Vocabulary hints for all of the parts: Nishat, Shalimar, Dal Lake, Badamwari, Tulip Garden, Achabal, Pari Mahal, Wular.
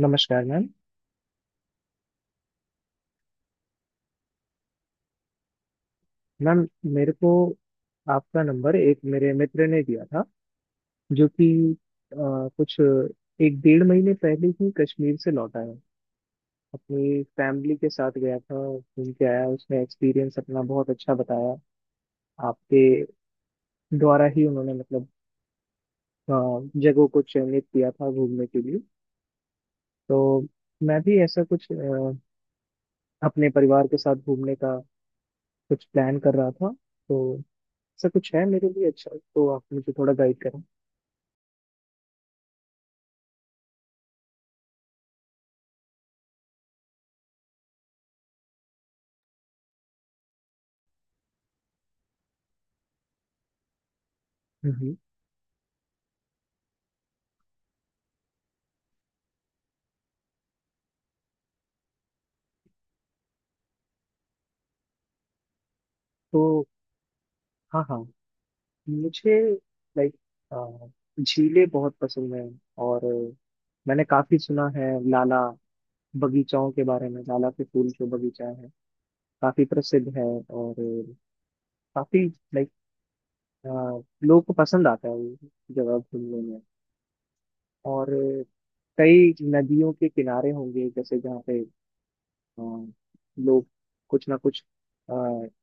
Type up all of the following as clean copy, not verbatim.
नमस्कार ma'am. Ma'am मेरे को आपका नंबर एक मेरे मित्र ने दिया था जो कि अ, कुछ एक डेढ़ महीने पहले ही कश्मीर से लौटा है। अपनी फैमिली के साथ गया था, घूम के आया, उसने एक्सपीरियंस अपना बहुत अच्छा बताया। आपके द्वारा ही उन्होंने मतलब अ, जगहों को चयनित किया था घूमने के लिए। तो मैं भी ऐसा कुछ अपने परिवार के साथ घूमने का कुछ प्लान कर रहा था। तो ऐसा कुछ है मेरे लिए अच्छा तो आप मुझे थोड़ा गाइड करें। हम्म। तो हाँ हाँ, मुझे लाइक झीलें बहुत पसंद हैं। और मैंने काफी सुना है लाला बगीचाओं के बारे में, लाला के फूल जो बगीचा है काफी प्रसिद्ध है। और काफी लाइक लोगों को पसंद आता है ये जगह घूमने में। और कई नदियों के किनारे होंगे जैसे, जहाँ पे अ, लोग कुछ ना कुछ अ,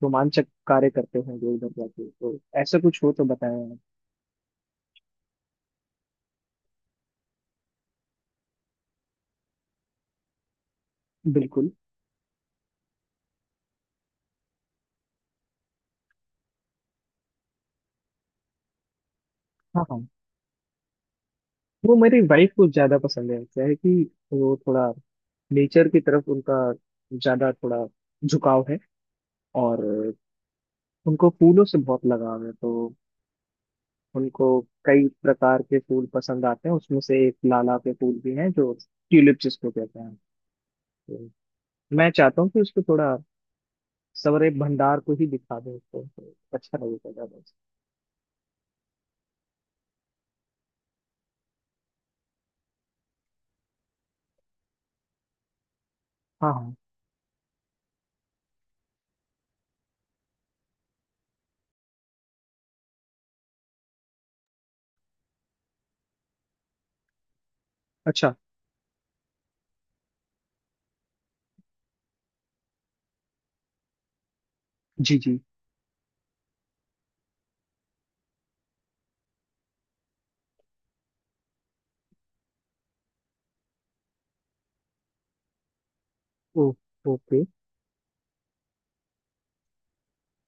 रोमांचक कार्य करते होंगे उधर जाके, तो ऐसा कुछ हो तो बताएं आप। बिल्कुल। हाँ हाँ, वो मेरी वाइफ को ज्यादा पसंद है। क्या है कि वो थोड़ा नेचर की तरफ उनका ज्यादा थोड़ा झुकाव है। और उनको फूलों से बहुत लगाव है, तो उनको कई प्रकार के फूल पसंद आते हैं, उसमें से एक लाला के फूल भी हैं जो ट्यूलिप जिसको कहते हैं। तो मैं चाहता हूँ कि उसको थोड़ा सवरे भंडार को ही दिखा दें, उसको तो अच्छा लगेगा ज्यादा से। हाँ हाँ। अच्छा। जी जी। ओ, ओके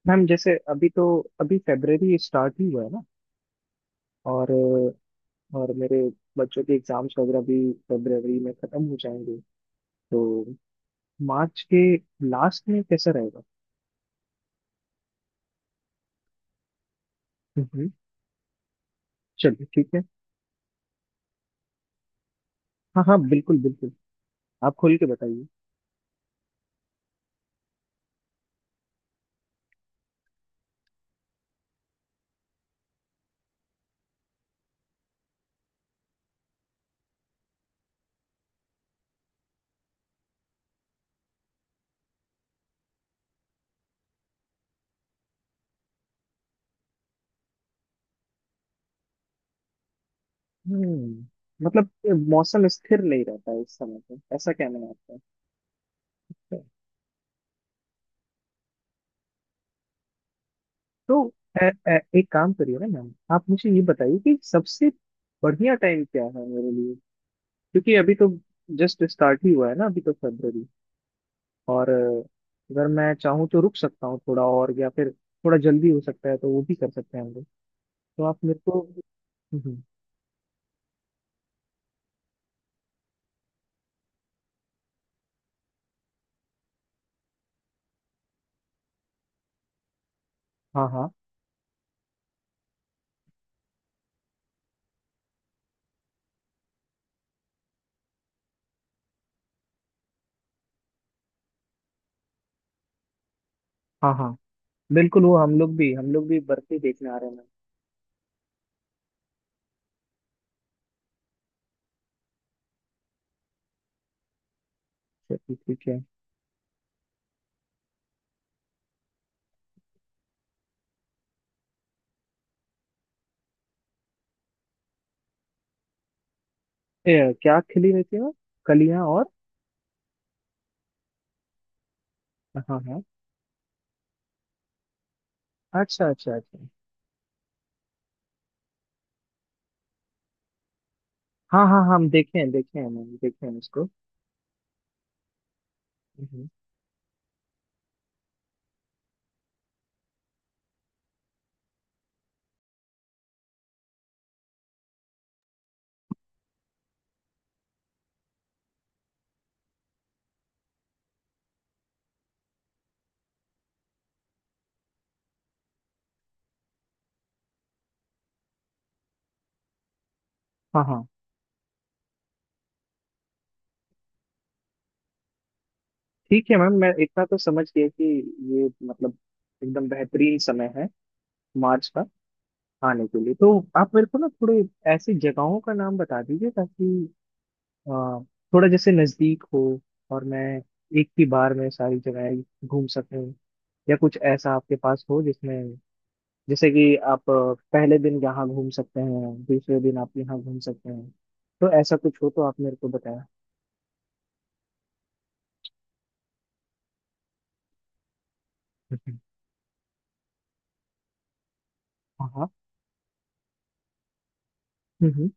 मैम। जैसे अभी तो अभी फेब्रवरी स्टार्ट ही हुआ है ना। और मेरे बच्चों के एग्जाम्स वगैरह भी फरवरी में खत्म हो जाएंगे। तो मार्च के लास्ट में कैसा रहेगा? हम्म, चलिए ठीक है। हाँ हाँ बिल्कुल बिल्कुल, आप खोल के बताइए। हम्म। मतलब ये मौसम स्थिर नहीं रहता है इस समय पे, ऐसा कहना है आपका? तो ए, ए, एक काम करिए ना मैम, आप मुझे ये बताइए कि सबसे बढ़िया टाइम क्या है मेरे लिए? क्योंकि अभी तो जस्ट स्टार्ट ही हुआ है ना अभी तो फरवरी। और अगर मैं चाहूँ तो रुक सकता हूँ थोड़ा और, या फिर थोड़ा जल्दी हो सकता है तो वो भी कर सकते हैं हम लोग। तो आप मेरे को हम्म, हाँ हाँ हाँ हाँ बिल्कुल, वो हम लोग भी बर्फी देखने आ रहे हैं। अच्छा, ठीक ठीक है। ए, क्या खिली रहती है वो? कलियां और? हाँ हाँ। अच्छा अच्छा अच्छा। हाँ हाँ हाँ, हम देखे हैं, देखे हैं मैम, देखे हैं इसको। हम्म। हाँ हाँ, ठीक है मैम, मैं इतना तो समझ गया कि ये मतलब एकदम बेहतरीन समय है मार्च का खाने के लिए। तो आप मेरे को ना थोड़े ऐसी जगहों का नाम बता दीजिए ताकि अ, थोड़ा जैसे नजदीक हो और मैं एक ही बार में सारी जगह घूम सकूं। या कुछ ऐसा आपके पास हो जिसमें जैसे कि आप पहले दिन यहाँ घूम सकते हैं, दूसरे दिन आप यहाँ घूम सकते हैं, तो ऐसा कुछ हो तो आप मेरे को बताया। हम्म। हाँ हाँ। हम्म हम्म।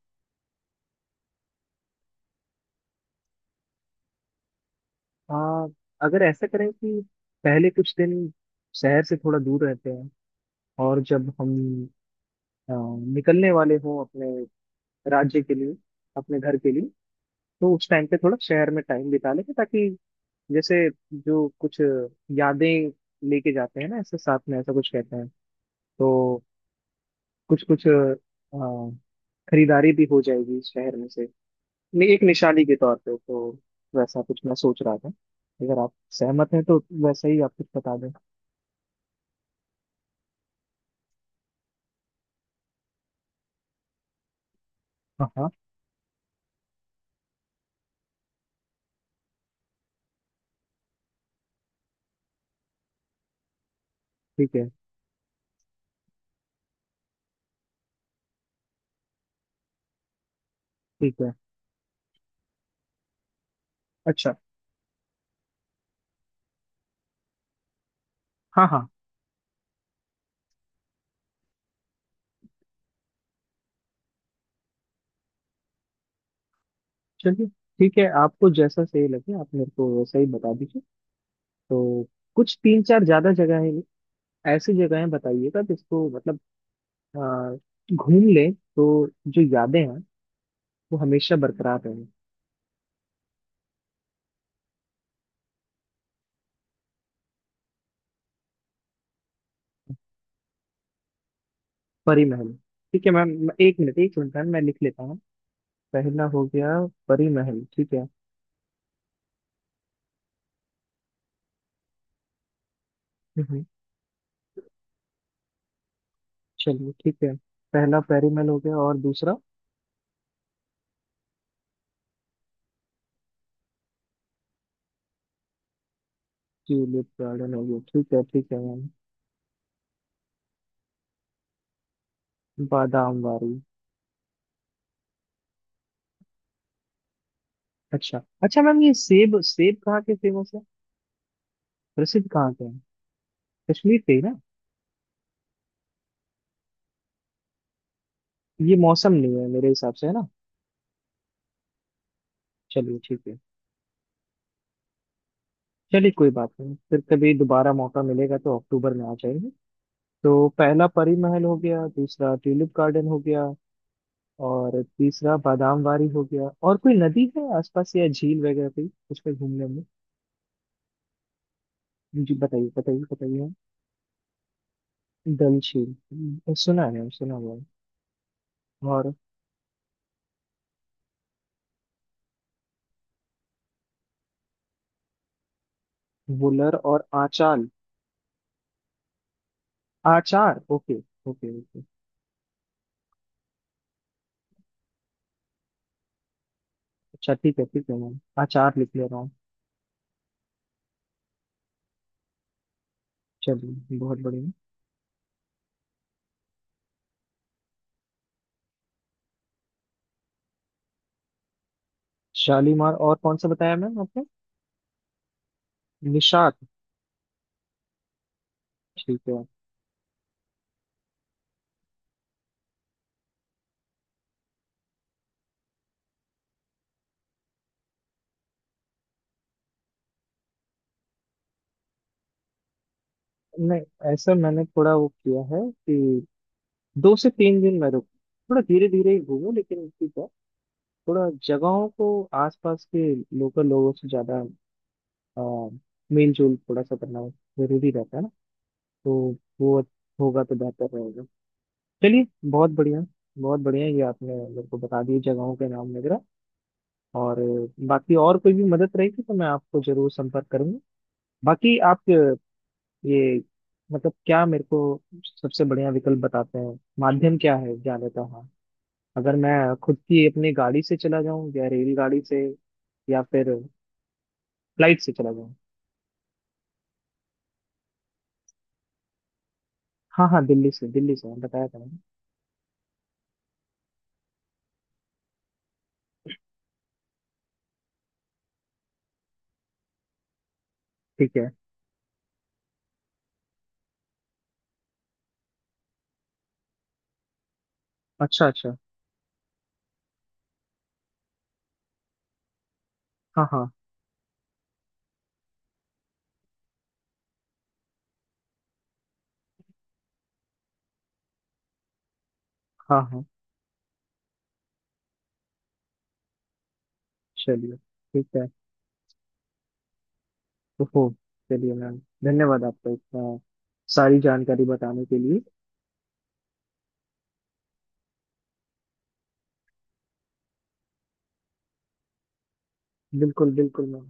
आ, अगर ऐसा करें कि पहले कुछ दिन शहर से थोड़ा दूर रहते हैं, और जब हम अ, निकलने वाले हों अपने राज्य के लिए, अपने घर के लिए, तो उस टाइम पे थोड़ा शहर में टाइम बिता लेंगे, ताकि जैसे जो कुछ यादें लेके जाते हैं ना ऐसे साथ में, ऐसा कुछ कहते हैं। तो कुछ कुछ खरीदारी भी हो जाएगी इस शहर में से, नहीं, एक निशानी के तौर पे तो वैसा कुछ मैं सोच रहा था। अगर आप सहमत हैं तो वैसा ही आप कुछ बता दें। हाँ हाँ, ठीक है ठीक है। अच्छा। हाँ हाँ, चलिए ठीक है, आपको जैसा सही लगे आप मेरे को वैसा ही बता दीजिए। तो कुछ तीन चार ज्यादा जगह है ऐसी जगहें बताइएगा जिसको मतलब अ, घूम लें तो जो यादें हैं वो हमेशा बरकरार रहें। परी महल? ठीक है मैम, एक मिनट, एक मिनट मैम, मैं लिख लेता हूँ। पहला हो गया परी महल, ठीक है। हम्म, चलिए ठीक है। पहला परी महल हो गया और दूसरा ट्यूलिप गार्डन हो गया, ठीक है मैम। बादाम वारी। अच्छा। अच्छा मैम, ये सेब, सेब कहाँ के फेमस है? प्रसिद्ध कहाँ के हैं? कश्मीर के ही ना? ये मौसम नहीं है मेरे हिसाब से, है ना? चलिए ठीक है। चलिए कोई बात नहीं, फिर कभी दोबारा मौका मिलेगा तो अक्टूबर में आ जाएंगे। तो पहला परी महल हो गया, दूसरा ट्यूलिप गार्डन हो गया, और तीसरा बादाम वारी हो गया। और कोई नदी है आसपास या झील वगैरह कोई उस पर घूमने में? जी बताइए बताइए बताइए। डल झील। सुना है, सुना हुआ है। और? वुलर और आचार। आचार, ओके, ओके ओके। अच्छा ठीक है मैम, आचार लिख ले रहा हूँ। चलिए बहुत बढ़िया। शालीमार, और कौन सा बताया मैम आपने? निशात, ठीक है। नहीं ऐसा मैंने थोड़ा वो किया है कि दो से तीन दिन मैं रुक, थोड़ा धीरे धीरे ही घूमूं, लेकिन ठीक है। थोड़ा जगहों को आसपास के लोकल लोगों से ज्यादा आ, मेल जोल थोड़ा सा करना जरूरी रहता है ना। तो वो होगा तो बेहतर रहेगा। चलिए बहुत बढ़िया। बहुत बढ़िया, ये आपने मेरे को बता दिए जगहों के नाम वगैरह। और बाकी और कोई भी मदद रहेगी तो मैं आपको जरूर संपर्क करूंगा। बाकी आप ये मतलब क्या मेरे को सबसे बढ़िया विकल्प बताते हैं, माध्यम क्या है जाने का? हाँ, अगर मैं खुद की अपनी गाड़ी से चला जाऊं, या रेलगाड़ी से, या फिर फ्लाइट से चला जाऊं? हाँ हाँ, दिल्ली से, दिल्ली से बताया था मैंने। ठीक है। अच्छा अच्छा। हाँ हाँ। हाँ हाँ। चलिए ठीक है। ओहो, चलिए मैम, धन्यवाद आपका, इतना सारी जानकारी बताने के लिए। बिल्कुल बिल्कुल मैम।